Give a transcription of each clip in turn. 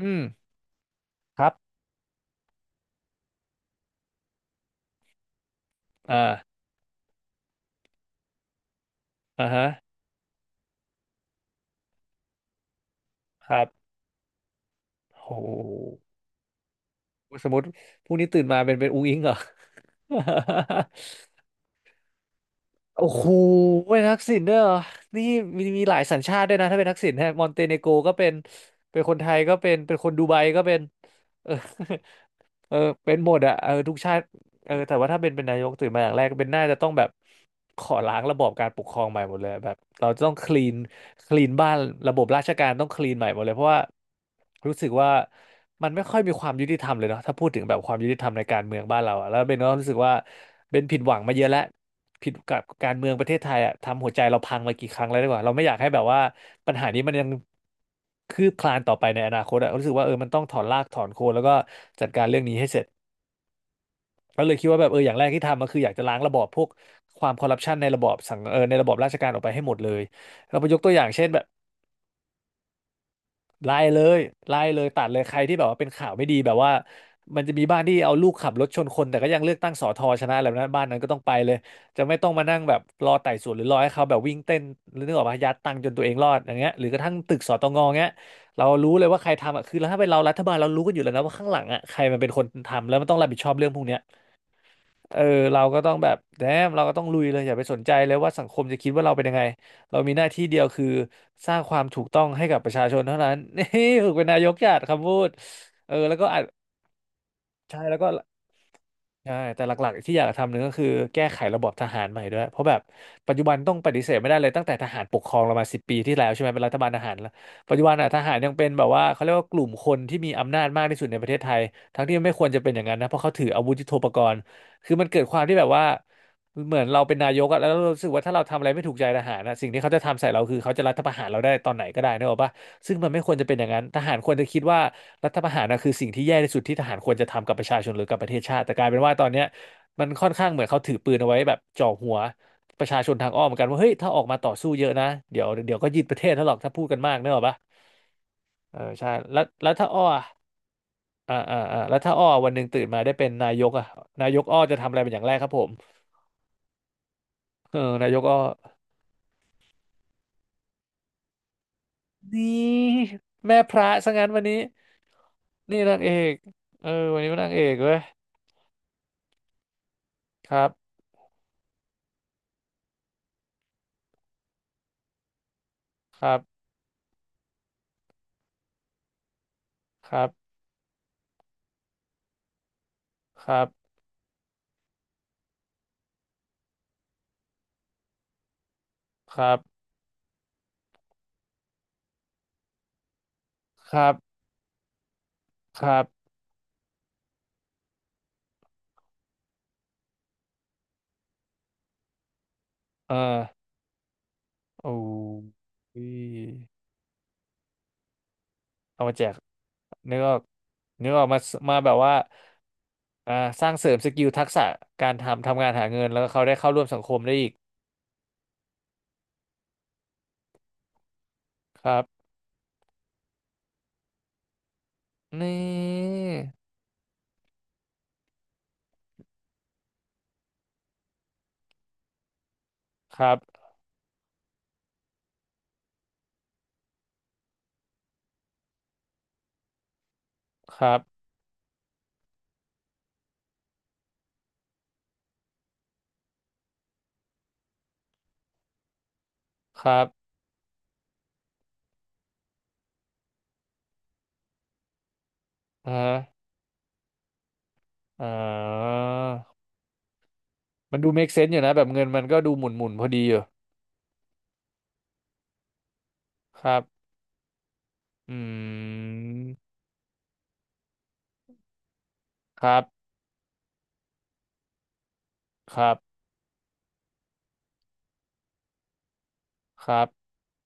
อืมครับอ่าอ่าฮะครับโหสมมติพรุ่งนี้ตื่นมาเป็นอุ้งอิงเหรอ โอ้โหเป็นทักษิณด้วยเหรอนี่มีหลายสัญชาติด้วยนะถ้าเป็นทักษิณฮะมอนเตเนโกรก็เป็นเป็นคนไทยก็เป็นเป็นคนดูไบก็เป็นเออ เออเป็นหมดอะเออทุกชาติเออแต่ว่าถ้าเป็นนายกตื่นมาอย่างแรกเป็นน่าจะต้องแบบขอล้างระบอบการปกครองใหม่หมดเลยแบบเราจะต้องคลีนคลีนบ้านระบบราชการต้องคลีนใหม่หมดเลยเพราะว่ารู้สึกว่ามันไม่ค่อยมีความยุติธรรมเลยเนาะถ้าพูดถึงแบบความยุติธรรมในการเมืองบ้านเราอะแล้วเบนก็รู้สึกว่าเบนผิดหวังมาเยอะแล้ว ผิดกับการเมืองประเทศไทยอะทำหัวใจเราพังมากี่ครั้งแล้วดีกว่าเราไม่อยากให้แบบว่าปัญหานี้มันยังคืบคลานต่อไปในอนาคตอะรู้สึกว่าเออมันต้องถอนรากถอนโคนแล้วก็จัดการเรื่องนี้ให้เสร็จก็เลยคิดว่าแบบเอออย่างแรกที่ทำก็คืออยากจะล้างระบอบพวกความคอร์รัปชันในระบอบสังเออในระบอบราชการออกไปให้หมดเลยเราไปยกตัวอย่างเช่นแบบ ไล่เลยไล่เลยตัดเลยใครที่แบบว่าเป็นข่าวไม่ดีแบบว่ามันจะมีบ้านที่เอาลูกขับรถชนคนแต่ก็ยังเลือกตั้งสอทอชนะอะไรแบบนั้นบ้านนั้นก็ต้องไปเลยจะไม่ต้องมานั่งแบบรอไต่สวนหรือรอให้เขาแบบวิ่งเต้นหรือนึกออกมายัดตังค์จนตัวเองรอดอย่างเงี้ยหรือกระทั่งตึกสตงเงี้ยเรารู้เลยว่าใครทำอ่ะคือแล้วถ้าเป็นเรารัฐบาลเรารู้กันอยู่แล้วนะว่าข้างหลังอ่ะใครมันเป็นคนทำแล้วมันต้องรับผิดชอบเรื่องพวกเนี้ย เออเราก็ต้องแบบแดมเราก็ต้องลุยเลยอย่าไปสนใจเลยว่าสังคมจะคิดว่าเราเป็นยังไงเรามีหน้าที่เดียวคือสร้างความถูกต้องให้กับประชาชนเท่านั้น นี่ฝึกเป็นนายกจัดคำพูดเออแล้วก็อาจใช่แล้วก็ ใช่แต่หลักๆที่อยากทำหนึ่งก็คือแก้ไขระบบทหารใหม่ด้วยเพราะแบบปัจจุบันต้องปฏิเสธไม่ได้เลยตั้งแต่ทหารปกครองเรามา10 ปีที่แล้วใช่ไหมเป็นรัฐบาลทหารแล้วปัจจุบันอ่ะทหารยังเป็นแบบว่าเขาเรียกว่ากลุ่มคนที่มีอำนาจมากที่สุดในประเทศไทยทั้งที่มันไม่ควรจะเป็นอย่างนั้นนะเพราะเขาถืออาวุธยุทโธปกรณ์คือมันเกิดความที่แบบว่าเหมือนเราเป็นนายกอะแล้วเรารู้สึกว่าถ้าเราทำอะไรไม่ถูกใจทหารนะสิ่งที่เขาจะทำใส่เราคือเขาจะรัฐประหารเราได้ตอนไหนก็ได้นะบอกปะ ซึ่งมันไม่ควรจะเป็นอย่างนั้นทหารควรจะคิดว่ารัฐประหารนะคือสิ่งที่แย่ที่สุดที่ทหารควรจะทำกับประชาชนหรือกับประเทศชาติ แต่กลายเป็นว่าตอนเนี้ยมันค่อนข้างเหมือนเขาถือปืนเอาไว้แบบจ่อหัวประชาชนทางอ้อมเหมือนกันว่าเฮ้ยถ้าออกมาต่อสู้เยอะนะเดี๋ยวก็ยึดประเทศถ้าหรอกถ้าพูดกันมากเนกอะปะเออใช่แล้วแล้วถ้าอ้ออ่ะแล้วถ้าอ้อวันหนึ่งตื่นมาได้เป็นนายกอ่ะนายกอ้อจะทำอะไรเป็นอย่างแรกครับผมเออนายกอ้อนี่แม่พระซะงั้นวันนี้นี่นางเอกเออวันนี้เป็นนางเอกเว้ยครับ ครับครับครับครับครับครับเออโอ้ยเอามาแจกนึกออกนึกออกมามาแบบว่าอ่าสร้างเสริมสกิลทักษะการทำงานหาเงินแล้วก็เขาได้เข้าร่วมสังคมได้อีกครับนี่ครับครับครับอ่าอ่ามันดู make sense อยู่นะแบบเงินมันก็ดูหมุนหมุนพอดีอยู่ครับอืมครับครับครับ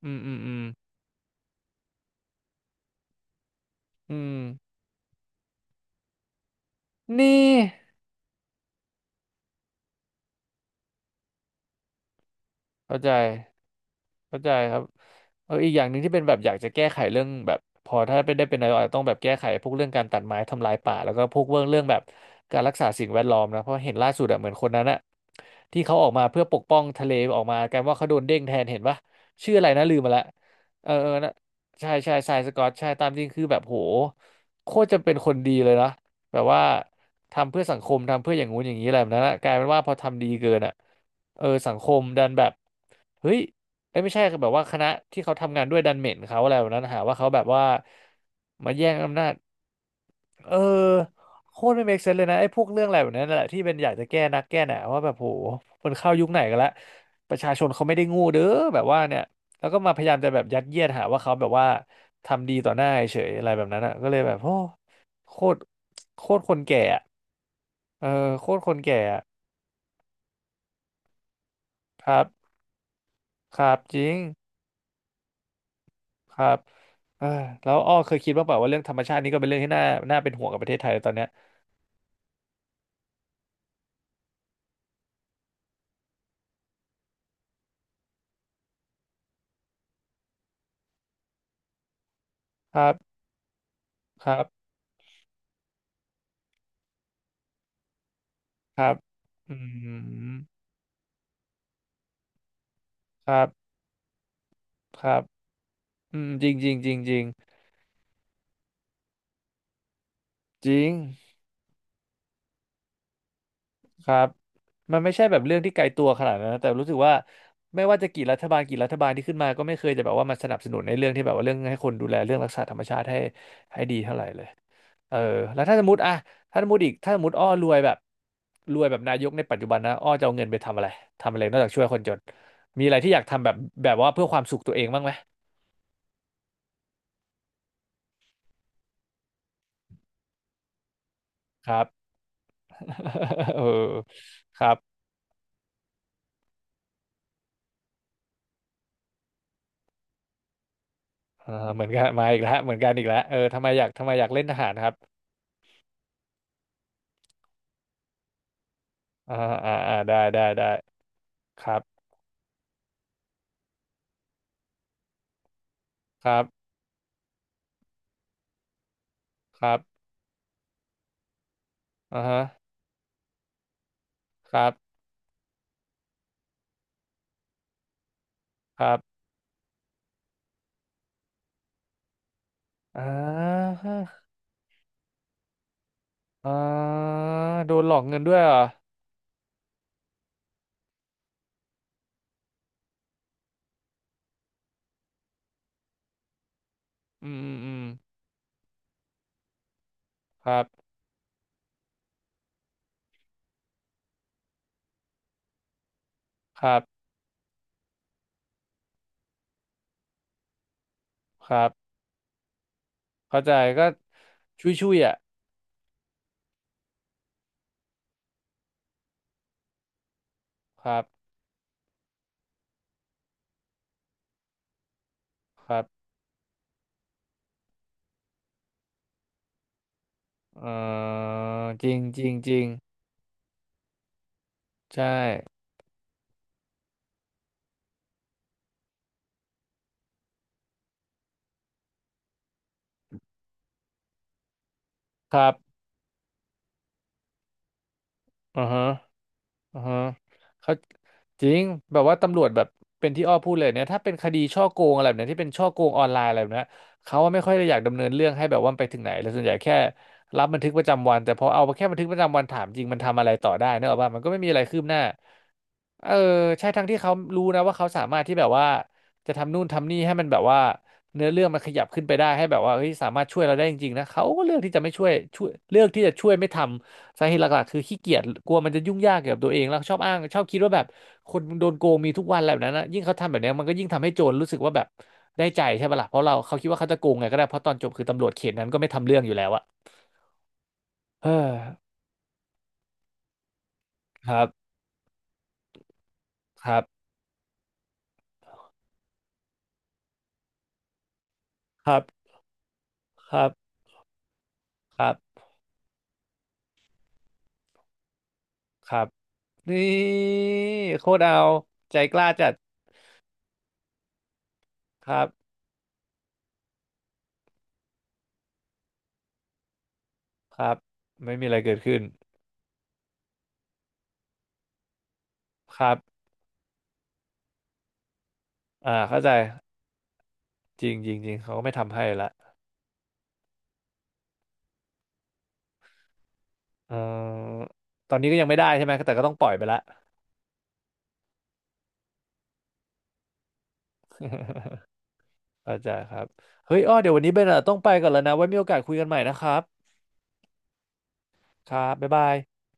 อืมอืมอืม อืมนี่เข้าใจ เข้าใจครับอีกอย่างหนึ่งที่เป็นแบบอยากจะแก้ไขเรื่องแบบพอถ้าเป็นได้เป็นนายกอาจจะต้องแบบแก้ไขพวกเรื่องการตัดไม้ทำลายป่าแล้วก็พวกเรื่องแบบการรักษาสิ่งแวดล้อมนะเพราะเห็นล่าสุดอะเหมือนคนนั้นอะที่เขาออกมาเพื่อปกป้องทะเลออกมากันว่าเขาโดนเด้งแทนเห็นปะชื่ออะไรนะลืมมาละเออเออนะใช่ใช่ทรายสกอตใช่ตามจริงคือแบบโหโคตรจะเป็นคนดีเลยนะแบบว่าทำเพื่อสังคมทำเพื่ออย่างงู้นอย่างนี้อะไรแบบนั้นอะกลายเป็นว่าพอทำดีเกินอะสังคมดันแบบเฮ้ย เอ้ยไม่ใช่แบบว่าคณะที่เขาทำงานด้วยดันเหม็นเขาอะไรแบบนั้นหาว่าเขาแบบว่ามาแย่งอำนาจเออโคตรไม่เมคเซนเลยนะไอ้พวกเรื่องอะไรแบบนั้นแหละที่เป็นอยากจะแก้นักแก้หนาว่าแบบโหมันเข้ายุคไหนกันละประชาชนเขาไม่ได้งูเด้อแบบว่าเนี่ยแล้วก็มาพยายามจะแบบยัดเยียดหาว่าเขาแบบว่าทำดีต่อหน้าเฉยอะไรแบบนั้นอ่ะก็เลยแบบโอ้โคตรโคตรคนแก่อะเออโคตรคนแก่อะครับครับจริง ครับเอ้แล้วอ้อเคยคิดบ้างเปล่าว่าเรื่องธรรมชาตินี่ก็เป็นเรื่องที่น่าเป็นห่วงกับประเทศไทยตอนเนี้ยครับครับครับอืมครับครับอืมจริงจริงจริงจริงจริงครับมันไม่ใช่แบบเรื่องที่ไกลตัวขนาดนั้นนะแต่รู้สึกว่าไม่ว่าจะกี่รัฐบาลที่ขึ้นมาก็ไม่เคยจะแบบว่ามาสนับสนุนในเรื่องที่แบบว่าเรื่องให้คนดูแลเรื่องรักษาธรรมชาติให้ดีเท่าไหร่เลย เออแล้วถ้าสมมติอะถ้าสมมติอ้อรวยแบบรวยแบบนายกในปัจจุบันนะอ้อจะเอาเงินไปทำอะไรทำอะไรนอกจากช่วยคนจนมีอะไรที่อยากทำแบบแบบว่าเพื่อความสุขตัวเองบ้างไหมครับ เออครับเอ่าเหมือนกันมาอีกแล้วเหมือนกันอีกแล้วทำไมอยากเล่นทหารครับอ่าอ่าอ่าได้ได้ได้ครับครับครับอ่าฮะครับครับอ่าฮะอ่าโดนหลอกเงินด้วยเหรออืมอืมอืมครับครับครับ เข้าใจก็ชุยชุยอ่ะครับครับเออจริงจริงจริงใช่ครับอือฮะ อือฮะเขาจริงแบบว่าตำรวจแบบเป็นที่อ้อพูดเลยเนี่ยถ้าเป็นคดีช่อโกงอะไรแบบเนี้ยที่เป็นช่อโกงออนไลน์อะไรแบบเนี้ยเขาว่าไม่ค่อยได้อยากดำเนินเรื่องให้แบบว่ามันไปถึงไหนเลยส่วนใหญ่แค่รับบันทึกประจำวันแต่พอเอาแค่บันทึกประจำวันถามจริงมันทำอะไรต่อได้เนกอะว่ามันก็ไม่มีอะไรคืบหน้าเออใช่ทั้งที่เขารู้นะว่าเขาสามารถที่แบบว่าจะทำนู่นทำนี่ให้มันแบบว่าเนื้อเรื่องมันขยับขึ้นไปได้ให้แบบว่าเฮ้ยสามารถช่วยเราได้จริงๆนะเขาก็เลือกที่จะไม่ช่วยเลือกที่จะช่วยไม่ทำ สาเหตุหลักๆคือขี้เกียจกลัวมันจะยุ่งยากเกี่ยวกับตัวเองแล้วชอบอ้างชอบคิดว่าแบบคนโดนโกงมีทุกวันอะไรแบบนั้นนะยิ่งเขาทำแบบนี้มันก็ยิ่งทำให้โจรรู้สึกว่าแบบได้ใจใช่ปะล่ะเพราะเราเขาคิดว่าเขาจะโกงไงก็ได้เพราะตอนจบคือตำรวจเขตนั้นก็ไม่ทำเรื่องอยู่แล้วอะเออครับครับครับครับครับครับนี่โคตรเอาใจกล้าจัดครับครับไม่มีอะไรเกิดขึ้นครับอ่าเข้าใจจริงจริงจริงเขาก็ไม่ทำให้ละเออตอนนี้ก็ยังไม่ได้ใช่ไหมแต่ก็ต้องปล่อยไปละ เข้าใจครับเฮ้ยอ้อเดี๋ยววันนี้เบนอะต้องไปก่อนแล้วนะ ไว้มีโอกาสคุยกันใหม่นะครับครับบ๊ายบาย